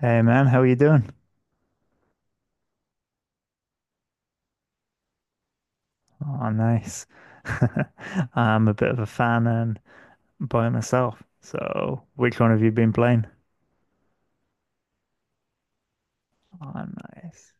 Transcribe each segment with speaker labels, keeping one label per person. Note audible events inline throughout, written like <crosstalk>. Speaker 1: Hey man, how are you doing? Oh, nice. <laughs> I'm a bit of a fan and by myself. So, which one have you been playing? Oh, nice.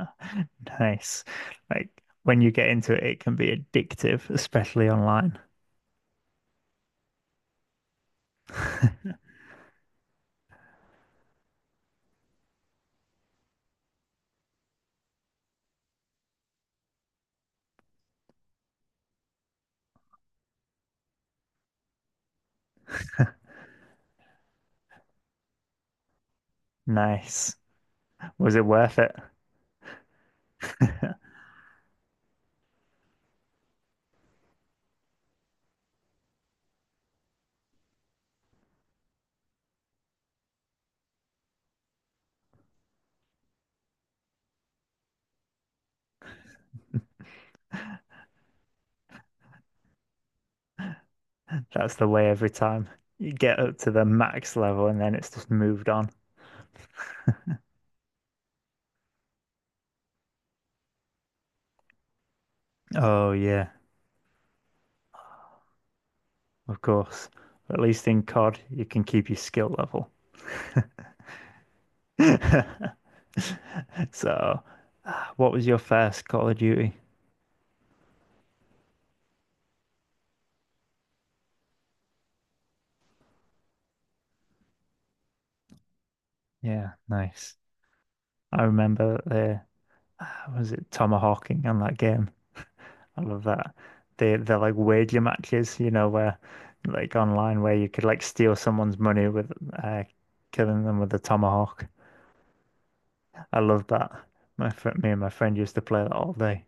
Speaker 1: <laughs> Nice. Like when you get into it, it can be addictive, especially online. <laughs> Nice. Was it worth it? <laughs> That's the way every time. You get up to the max level and then it's just moved on. Oh, yeah, of course. At least in COD, you can keep your skill level. <laughs> So, what was your first Call of Duty? Yeah, nice. I remember the was it tomahawking on that game? I love that. They they're like wager matches, you know, where like online where you could like steal someone's money with uh, killing them with a tomahawk. I love that. My friend, me and my friend used to play that all day.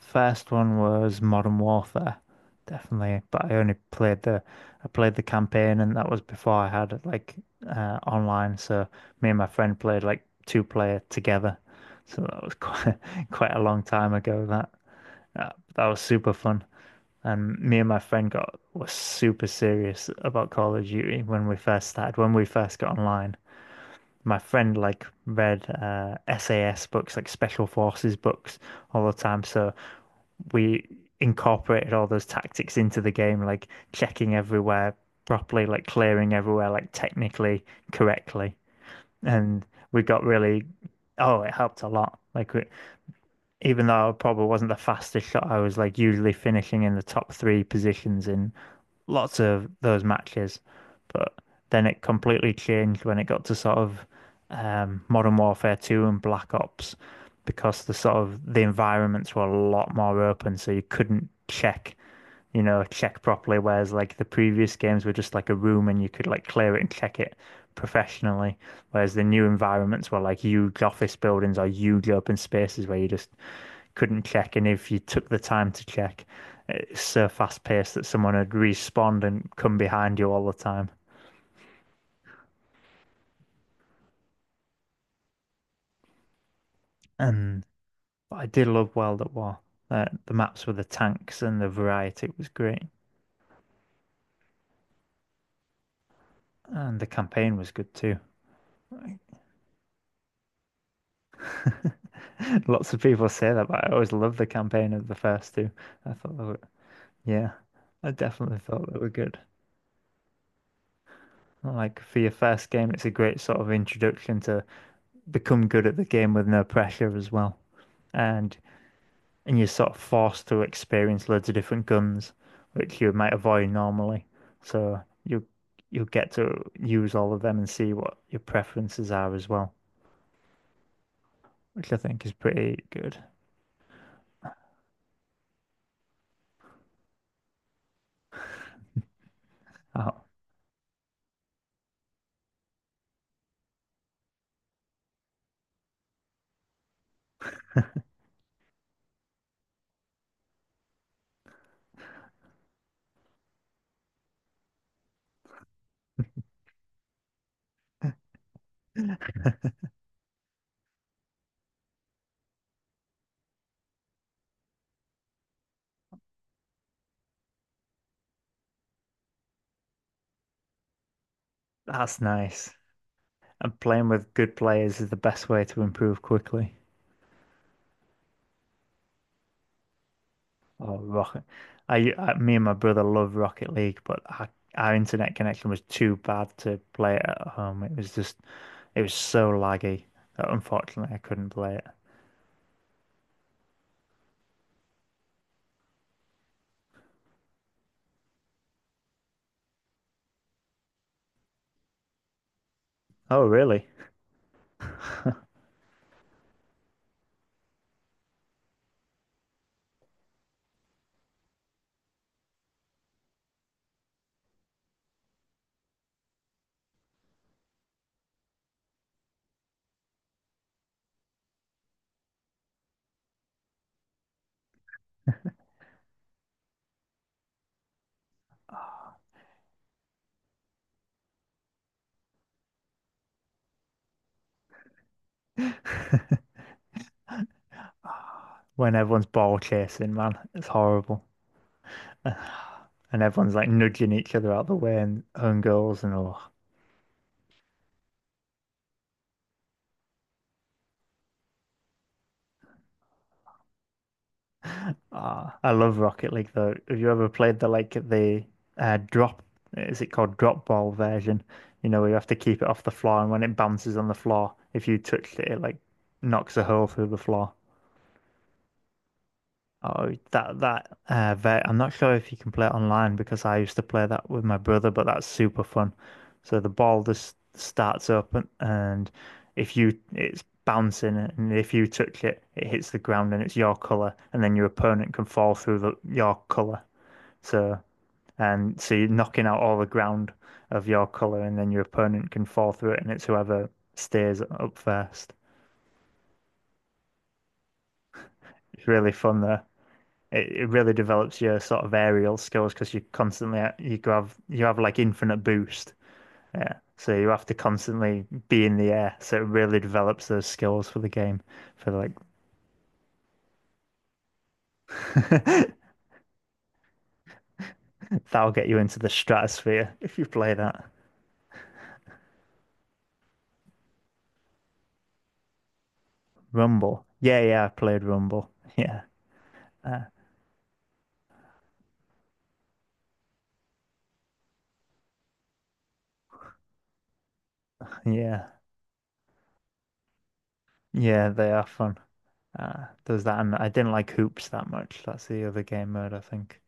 Speaker 1: First one was Modern Warfare, definitely. But I only played the I played the campaign, and that was before I had like online. So me and my friend played like two player together. So that was quite <laughs> quite a long time ago. That was super fun. And me and my friend got was super serious about Call of Duty when we first started. When we first got online, my friend like read SAS books, like Special Forces books, all the time. So we incorporated all those tactics into the game, like checking everywhere properly, like clearing everywhere, like technically correctly. And we got really, oh, it helped a lot. Even though I probably wasn't the fastest shot, I was like usually finishing in the top three positions in lots of those matches, but then it completely changed when it got to sort of Modern Warfare 2 and Black Ops because the sort of the environments were a lot more open, so you couldn't check, you know, check properly, whereas like the previous games were just like a room and you could like clear it and check it professionally, whereas the new environments were like huge office buildings or huge open spaces where you just couldn't check, and if you took the time to check, it's so fast paced that someone had respawned and come behind you all the time. And but I did love World at War. The maps with the tanks and the variety was great, and the campaign was good too. <laughs> Lots of people say that, but I always loved the campaign of the first two. I thought they were, yeah, I definitely thought they were good. Like for your first game, it's a great sort of introduction to become good at the game with no pressure as well. And and you're sort of forced to experience loads of different guns, which you might avoid normally. So you'll get to use all of them and see what your preferences are as well, which I think is pretty good. Oh, that's nice. And playing with good players is the best way to improve quickly. Oh, Rocket. I Me and my brother love Rocket League, but our internet connection was too bad to play it at home. It was so laggy that unfortunately I couldn't play it. Oh, really? <laughs> <laughs> When everyone's ball chasing, man, it's horrible. <sighs> And everyone's like nudging each other out the way and own goals and all. <sighs> Ah, I love Rocket League though. Have you ever played the drop? Is it called drop ball version? You know, where you have to keep it off the floor, and when it bounces on the floor, if you touch it, it like knocks a hole through the floor. Oh, I'm not sure if you can play it online because I used to play that with my brother, but that's super fun. So the ball just starts up and if you it's bouncing and if you touch it, it hits the ground and it's your color, and then your opponent can fall through your color. So so you're knocking out all the ground of your color, and then your opponent can fall through it, and it's whoever stays up first. It's really fun though. It really develops your sort of aerial skills because you constantly you go have you have like infinite boost. Yeah. So you have to constantly be in the air. So it really develops those skills for the game. For like <laughs> That'll get you into the stratosphere if you play that. Rumble. Yeah, yeah, I played Rumble. Yeah. Uh, yeah. Yeah, they are fun. There's that and I didn't like Hoops that much. That's the other game mode, I think.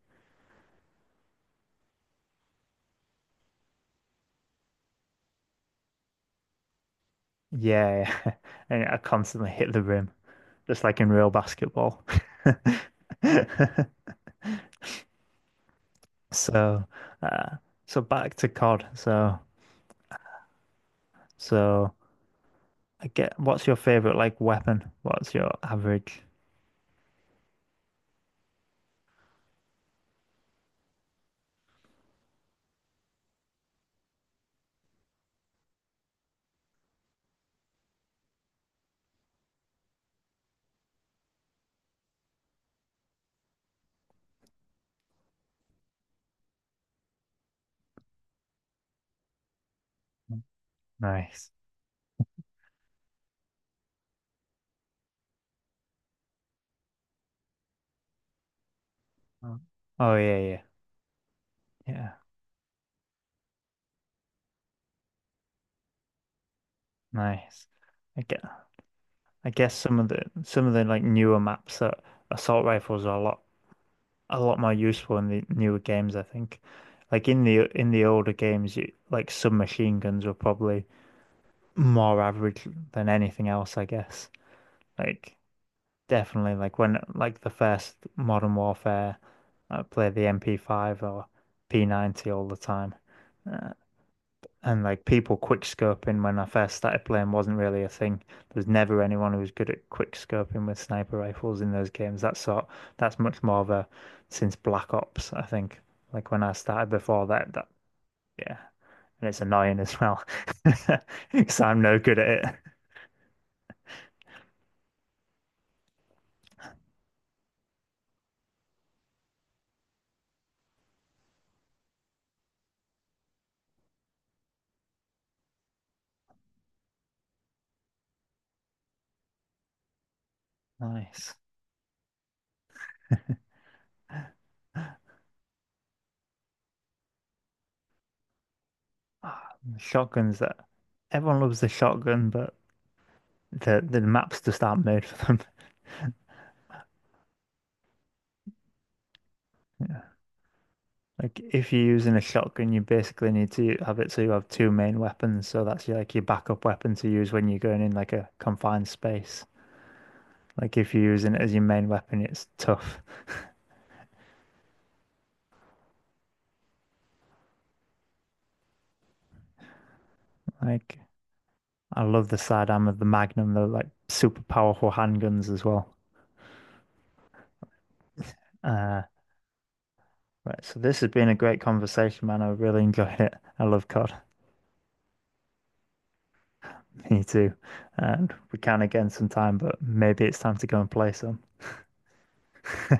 Speaker 1: Yeah, yeah. <laughs> And I constantly hit the rim. Just like in real basketball. <laughs> So, uh, so back to COD. So, I get what's your favorite like weapon? What's your average? Nice. Mm. Oh yeah, yeah, yeah. Nice. I get, I guess some of the like newer maps that assault rifles are a lot more useful in the newer games, I think. Like in the older games, like submachine guns were probably more average than anything else, I guess. Like definitely like when like the first Modern Warfare I played the MP5 or P90 all the time. Uh, and like people quick scoping when I first started playing wasn't really a thing. There's never anyone who was good at quick scoping with sniper rifles in those games. That's much more of a since Black Ops, I think. Like when I started before that yeah. And it's annoying as well. <laughs> Because I'm no good at it. Nice. Ah, the Shotguns that everyone loves the shotgun, but the maps just aren't made for them. <laughs> Like if you're using a shotgun, you basically need to have it so you have two main weapons. So that's your, like your backup weapon to use when you're going in like a confined space. Like if you're using it as your main weapon, it's tough. <laughs> Like I love the sidearm of the Magnum. They're like super powerful handguns as well. Uh, right. So this has been a great conversation, man. I really <laughs> enjoyed it. I love COD. Me too. And we can again sometime, but maybe it's time to go and play some. <laughs>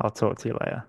Speaker 1: I'll talk to you later.